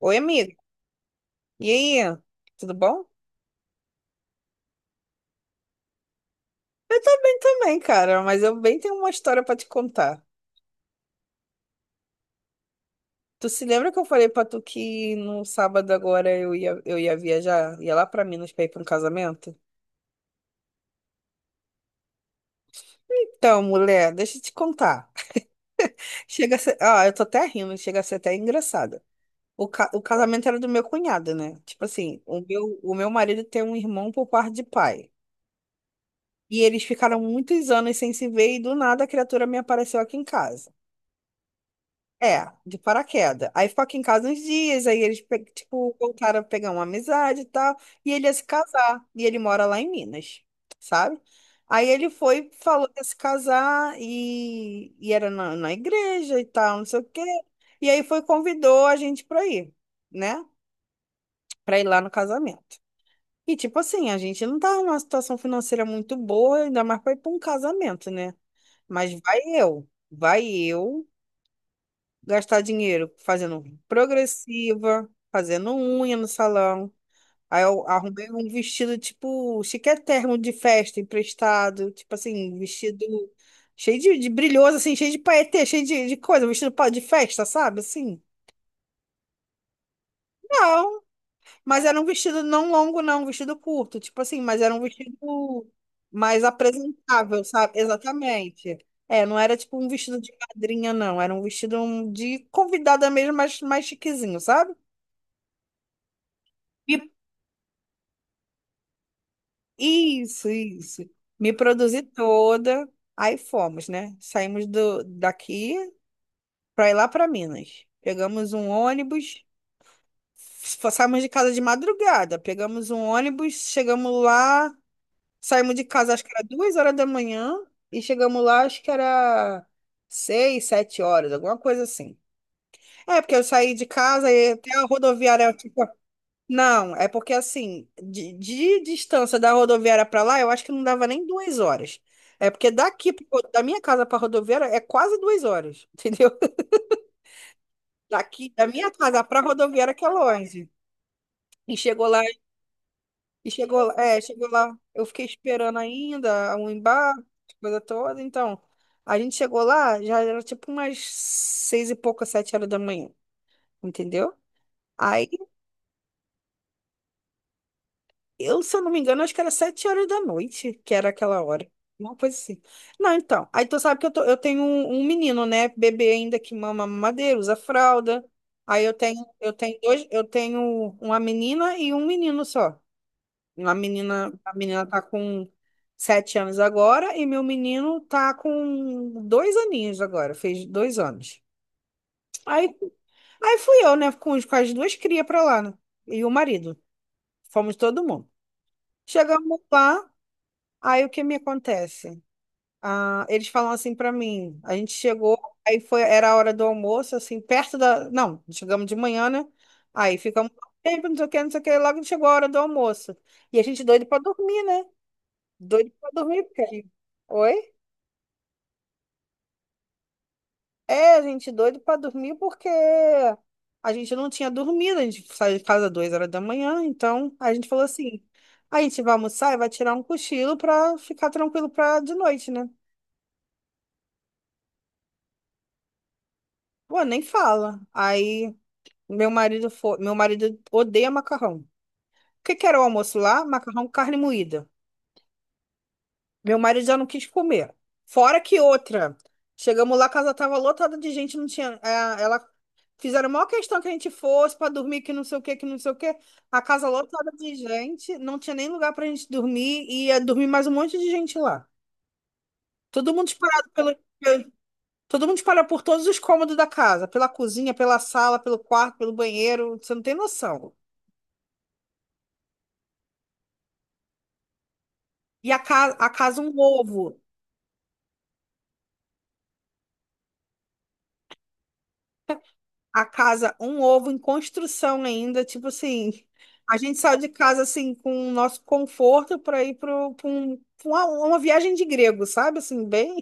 Oi, amigo. E aí? Tudo bom? Eu tô bem também, cara, mas eu bem tenho uma história pra te contar. Tu se lembra que eu falei pra tu que no sábado agora eu ia viajar? Ia lá pra Minas pra ir pra um casamento? Então, mulher, deixa eu te contar. Ah, eu tô até rindo, chega a ser até engraçada. O casamento era do meu cunhado, né? Tipo assim, o meu marido tem um irmão por parte de pai. E eles ficaram muitos anos sem se ver e do nada a criatura me apareceu aqui em casa. É, de paraquedas. Aí ficou aqui em casa uns dias, aí eles, tipo, voltaram a pegar uma amizade e tal, e ele ia se casar, e ele mora lá em Minas, sabe? Aí ele foi, falou que ia se casar, e era na igreja e tal, não sei o quê, e aí foi, convidou a gente pra ir, né? Pra ir lá no casamento. E, tipo assim, a gente não tá numa situação financeira muito boa, ainda mais pra ir pra um casamento, né? Mas vai eu gastar dinheiro fazendo progressiva, fazendo unha no salão. Aí eu arrumei um vestido tipo chiquérrimo de festa emprestado, tipo assim, vestido cheio de brilhoso, assim, cheio de paetê, cheio de coisa, vestido de festa, sabe? Assim. Não, mas era um vestido não longo, não, um vestido curto, tipo assim, mas era um vestido mais apresentável, sabe? Exatamente. É, não era tipo um vestido de madrinha, não. Era um vestido de convidada mesmo, mas mais chiquezinho, sabe? Me- Isso, isso. Me produzi toda. Aí fomos, né? Saímos daqui para ir lá para Minas. Pegamos um ônibus, saímos de casa de madrugada. Pegamos um ônibus, chegamos lá, saímos de casa acho que era 2 horas da manhã e chegamos lá acho que era 6, 7 horas, alguma coisa assim. É, porque eu saí de casa e até a rodoviária tipo. Não, é porque assim, de distância da rodoviária para lá, eu acho que não dava nem 2 horas. É porque daqui, da minha casa para rodoviária, é quase 2 horas, entendeu? Daqui, da minha casa para rodoviária, que é longe. E chegou lá, chegou lá, eu fiquei esperando ainda o embarque, coisa toda. Então, a gente chegou lá, já era tipo umas seis e pouca, 7 horas da manhã, entendeu? Eu, se eu não me engano, acho que era 7 horas da noite, que era aquela hora. Uma coisa assim. Não, então. Aí tu sabe que eu tenho um menino, né? Bebê ainda que mama mamadeira, usa fralda. Aí eu tenho dois, eu tenho uma menina e um menino só. Uma menina, a menina tá com 7 anos agora e meu menino tá com 2 aninhos agora, fez 2 anos. Aí, aí, fui eu, né? Com as duas crias pra lá, né? E o marido. Fomos todo mundo. Chegamos lá. Aí o que me acontece? Ah, eles falam assim pra mim, a gente chegou, aí foi, era a hora do almoço, assim, perto da, não, chegamos de manhã, né? Aí ficamos, tempo, não sei o que, não sei o que, logo chegou a hora do almoço. E a gente doido pra dormir, né? Doido pra dormir, porque... Oi? É, a gente doido pra dormir porque a gente não tinha dormido, a gente saiu de casa 2 horas da manhã, então a gente falou assim, a gente vai almoçar e vai tirar um cochilo pra ficar tranquilo pra de noite, né? Pô, nem fala. Aí Meu marido odeia macarrão. O que que era o almoço lá? Macarrão, carne moída. Meu marido já não quis comer. Fora que outra. Chegamos lá, a casa tava lotada de gente, não tinha. É, ela fizeram a maior questão que a gente fosse para dormir, que não sei o que, que não sei o que. A casa lotada de gente, não tinha nem lugar pra gente dormir e ia dormir mais um monte de gente lá. Todo mundo espalhado pelo, pelo- todo mundo espalhado por todos os cômodos da casa, pela cozinha, pela sala, pelo quarto, pelo banheiro. Você não tem noção. E a casa um ovo. A casa um ovo em construção ainda. Tipo assim, a gente saiu de casa assim com o nosso conforto para ir para um, pra uma viagem de grego, sabe? Assim, bem,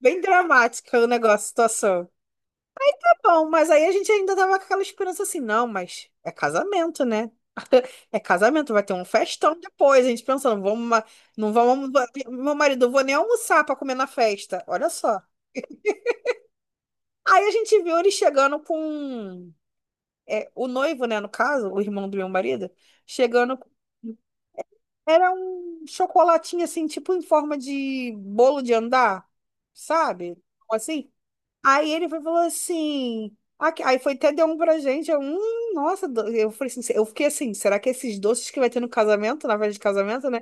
bem dramática o negócio, a situação. Tá bom, mas aí a gente ainda tava com aquela esperança assim, não, mas é casamento, né? É casamento, vai ter um festão depois. A gente pensando, vamos, não vamos, meu marido, eu vou nem almoçar para comer na festa. Olha só. Aí a gente viu ele chegando com um é, o noivo, né, no caso, o irmão do meu marido, chegando. Era um chocolatinho assim, tipo em forma de bolo de andar, sabe? Assim. Aí ele foi, falou assim. Aí foi até deu um pra gente. Eu falei assim, eu fiquei assim, será que esses doces que vai ter no casamento, na festa de casamento, né?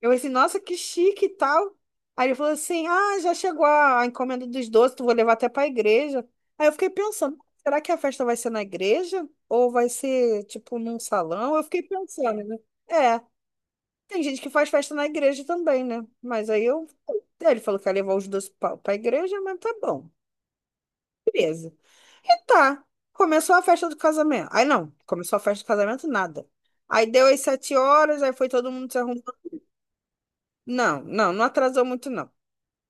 Eu falei assim, nossa, que chique e tal. Aí ele falou assim: ah, já chegou a encomenda dos doces, tu vou levar até para a igreja. Aí eu fiquei pensando: será que a festa vai ser na igreja? Ou vai ser, tipo, num salão? Eu fiquei pensando, né? É, tem gente que faz festa na igreja também, né? Mas aí eu. Aí ele falou que ia levar os doces para a igreja, mas tá bom. Beleza. E tá. Começou a festa do casamento. Aí não, começou a festa do casamento, nada. Aí deu as 7 horas, aí foi todo mundo se arrumando. Não, não, não atrasou muito, não.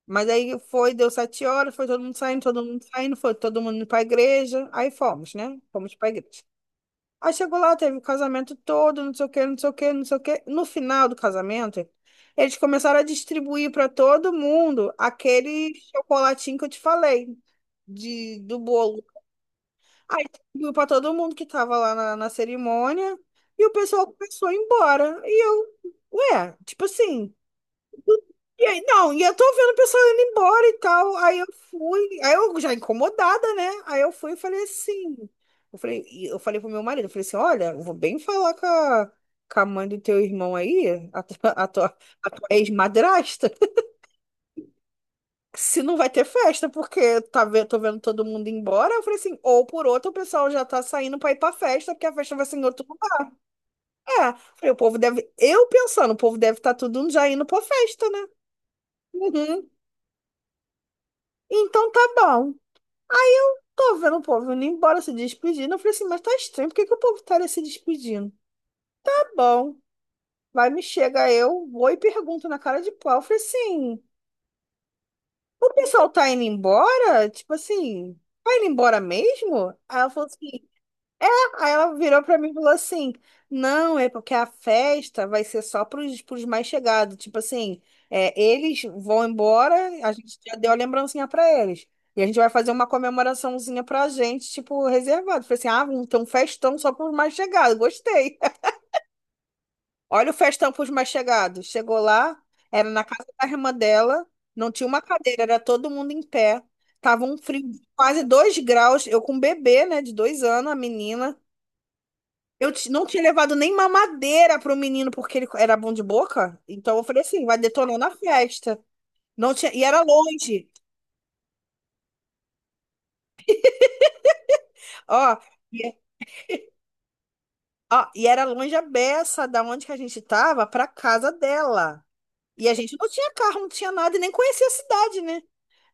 Mas aí foi, deu 7 horas, foi todo mundo saindo, foi todo mundo pra igreja. Aí fomos, né? Fomos pra igreja. Aí chegou lá, teve o casamento todo, não sei o quê, não sei o quê, não sei o quê. No final do casamento, eles começaram a distribuir para todo mundo aquele chocolatinho que eu te falei, do bolo. Aí distribuiu para todo mundo que estava lá na cerimônia. E o pessoal começou a ir embora. E eu, ué, tipo assim. E aí, não, e eu tô vendo o pessoal indo embora e tal. Aí eu fui, aí eu já incomodada, né? Aí eu fui e falei assim. E eu falei pro meu marido, eu falei assim, olha, eu vou bem falar com a mãe do teu irmão aí, a tua ex-madrasta, se não vai ter festa, porque tô vendo todo mundo embora. Eu falei assim, ou por outro, o pessoal já tá saindo pra ir pra festa, porque a festa vai ser em outro lugar. É, falei, o povo deve, eu pensando, o povo deve estar tá tudo já indo pra festa, né? Uhum. Então tá bom. Tô vendo o povo indo embora se despedindo. Eu falei assim, mas tá estranho, por que que o povo tá ali se despedindo? Tá bom, vai me chega eu, vou e pergunto na cara de pau. Eu falei assim, o pessoal tá indo embora? Tipo assim, vai indo embora mesmo? Aí ela virou pra mim e falou assim: não, é porque a festa vai ser só pros mais chegados. Tipo assim, é, eles vão embora, a gente já deu a lembrancinha pra eles. E a gente vai fazer uma comemoraçãozinha pra gente, tipo, reservado. Falei assim: ah, vamos ter um festão só pros mais chegados. Gostei. Olha o festão pros mais chegados. Chegou lá, era na casa da irmã dela, não tinha uma cadeira, era todo mundo em pé. Tava um frio de quase 2 graus. Eu com um bebê, né, de 2 anos, a menina. Não tinha levado nem mamadeira pro menino porque ele era bom de boca. Então eu falei assim, vai detonar na festa. Não tinha, e era longe. Ó, e, ó, e era longe a beça da onde que a gente tava pra casa dela. E a gente não tinha carro, não tinha nada e nem conhecia a cidade, né?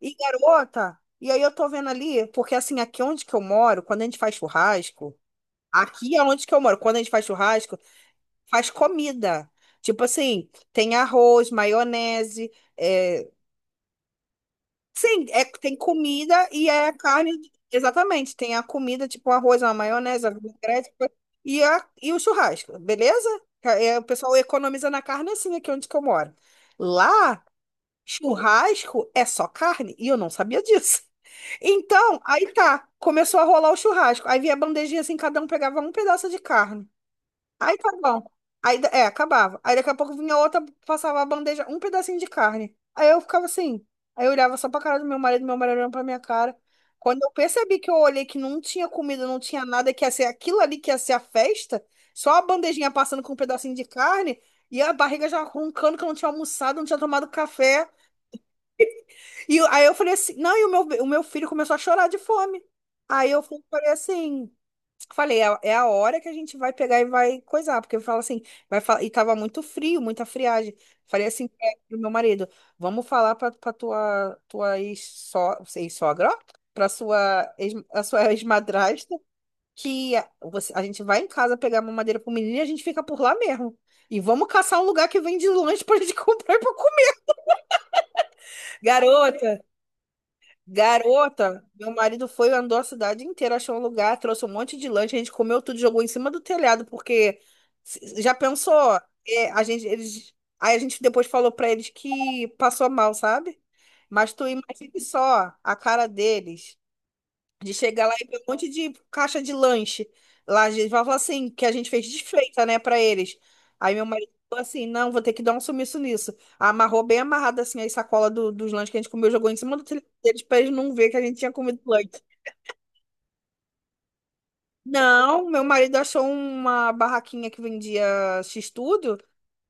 E garota, e aí eu tô vendo ali, porque assim, aqui onde que eu moro, quando a gente faz churrasco, aqui é onde que eu moro, quando a gente faz churrasco, faz comida. Tipo assim, tem arroz, maionese, é, Sim, é, tem comida e é carne. Exatamente, tem a comida, tipo arroz, uma maionese, uma vinagrete, e o churrasco, beleza? É, o pessoal economiza na carne assim, aqui onde que eu moro. Lá, churrasco é só carne, e eu não sabia disso. Então, aí tá, começou a rolar o churrasco. Aí vinha a bandejinha assim, cada um pegava um pedaço de carne. Aí tá bom. Aí, acabava. Aí daqui a pouco vinha outra, passava a bandeja, um pedacinho de carne. Aí eu ficava assim. Aí eu olhava só pra cara do meu marido olhando pra minha cara. Quando eu percebi que eu olhei que não tinha comida, não tinha nada, que ia ser aquilo ali que ia ser a festa, só a bandejinha passando com um pedacinho de carne e a barriga já roncando que eu não tinha almoçado, não tinha tomado café. Aí eu falei assim, não, e o meu filho começou a chorar de fome. Falei assim, falei, é, a é a hora que a gente vai pegar e vai coisar, porque eu falo assim, e tava muito frio, muita friagem. Falei assim, é, pro meu marido, vamos falar pra tua ex-sogra, ó, a sua ex-madrasta, que a gente vai em casa pegar uma madeira pro menino e a gente fica por lá mesmo. E vamos caçar um lugar que vende lanche pra gente comprar e pra comer. Garota! Garota, meu marido foi, andou a cidade inteira, achou um lugar, trouxe um monte de lanche, a gente comeu tudo, jogou em cima do telhado, porque já pensou, é, a gente, eles, aí a gente depois falou pra eles que passou mal, sabe? Mas tu imagina só a cara deles. De chegar lá e ver um monte de caixa de lanche. Lá a gente vai falar assim, que a gente fez desfeita, né, pra eles. Aí meu marido falou assim, não, vou ter que dar um sumiço nisso. Amarrou bem amarrado assim a sacola dos lanches que a gente comeu, jogou em cima do telhado deles pra eles não ver que a gente tinha comido lanche. Não, meu marido achou uma barraquinha que vendia x-tudo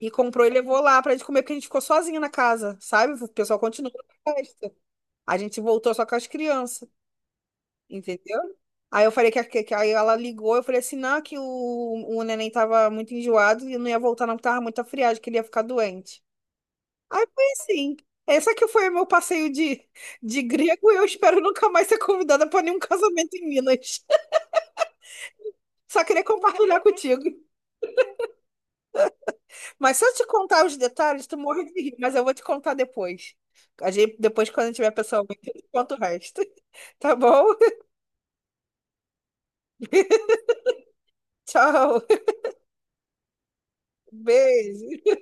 e comprou e levou lá pra gente comer, porque a gente ficou sozinha na casa, sabe? O pessoal continuou na festa. A gente voltou só com as crianças. Entendeu? Aí eu falei aí ela ligou, eu falei assim, não, que o neném tava muito enjoado e não ia voltar não, porque tava muito friagem, que ele ia ficar doente. Aí foi assim. Essa que foi o meu passeio de grego e eu espero nunca mais ser convidada para nenhum casamento em Minas. Só queria compartilhar contigo. Mas se eu te contar os detalhes, tu morre de rir, mas eu vou te contar depois. A gente, depois, quando eu tiver pessoalmente, eu te conto o resto. Tá bom? Tchau. Beijo.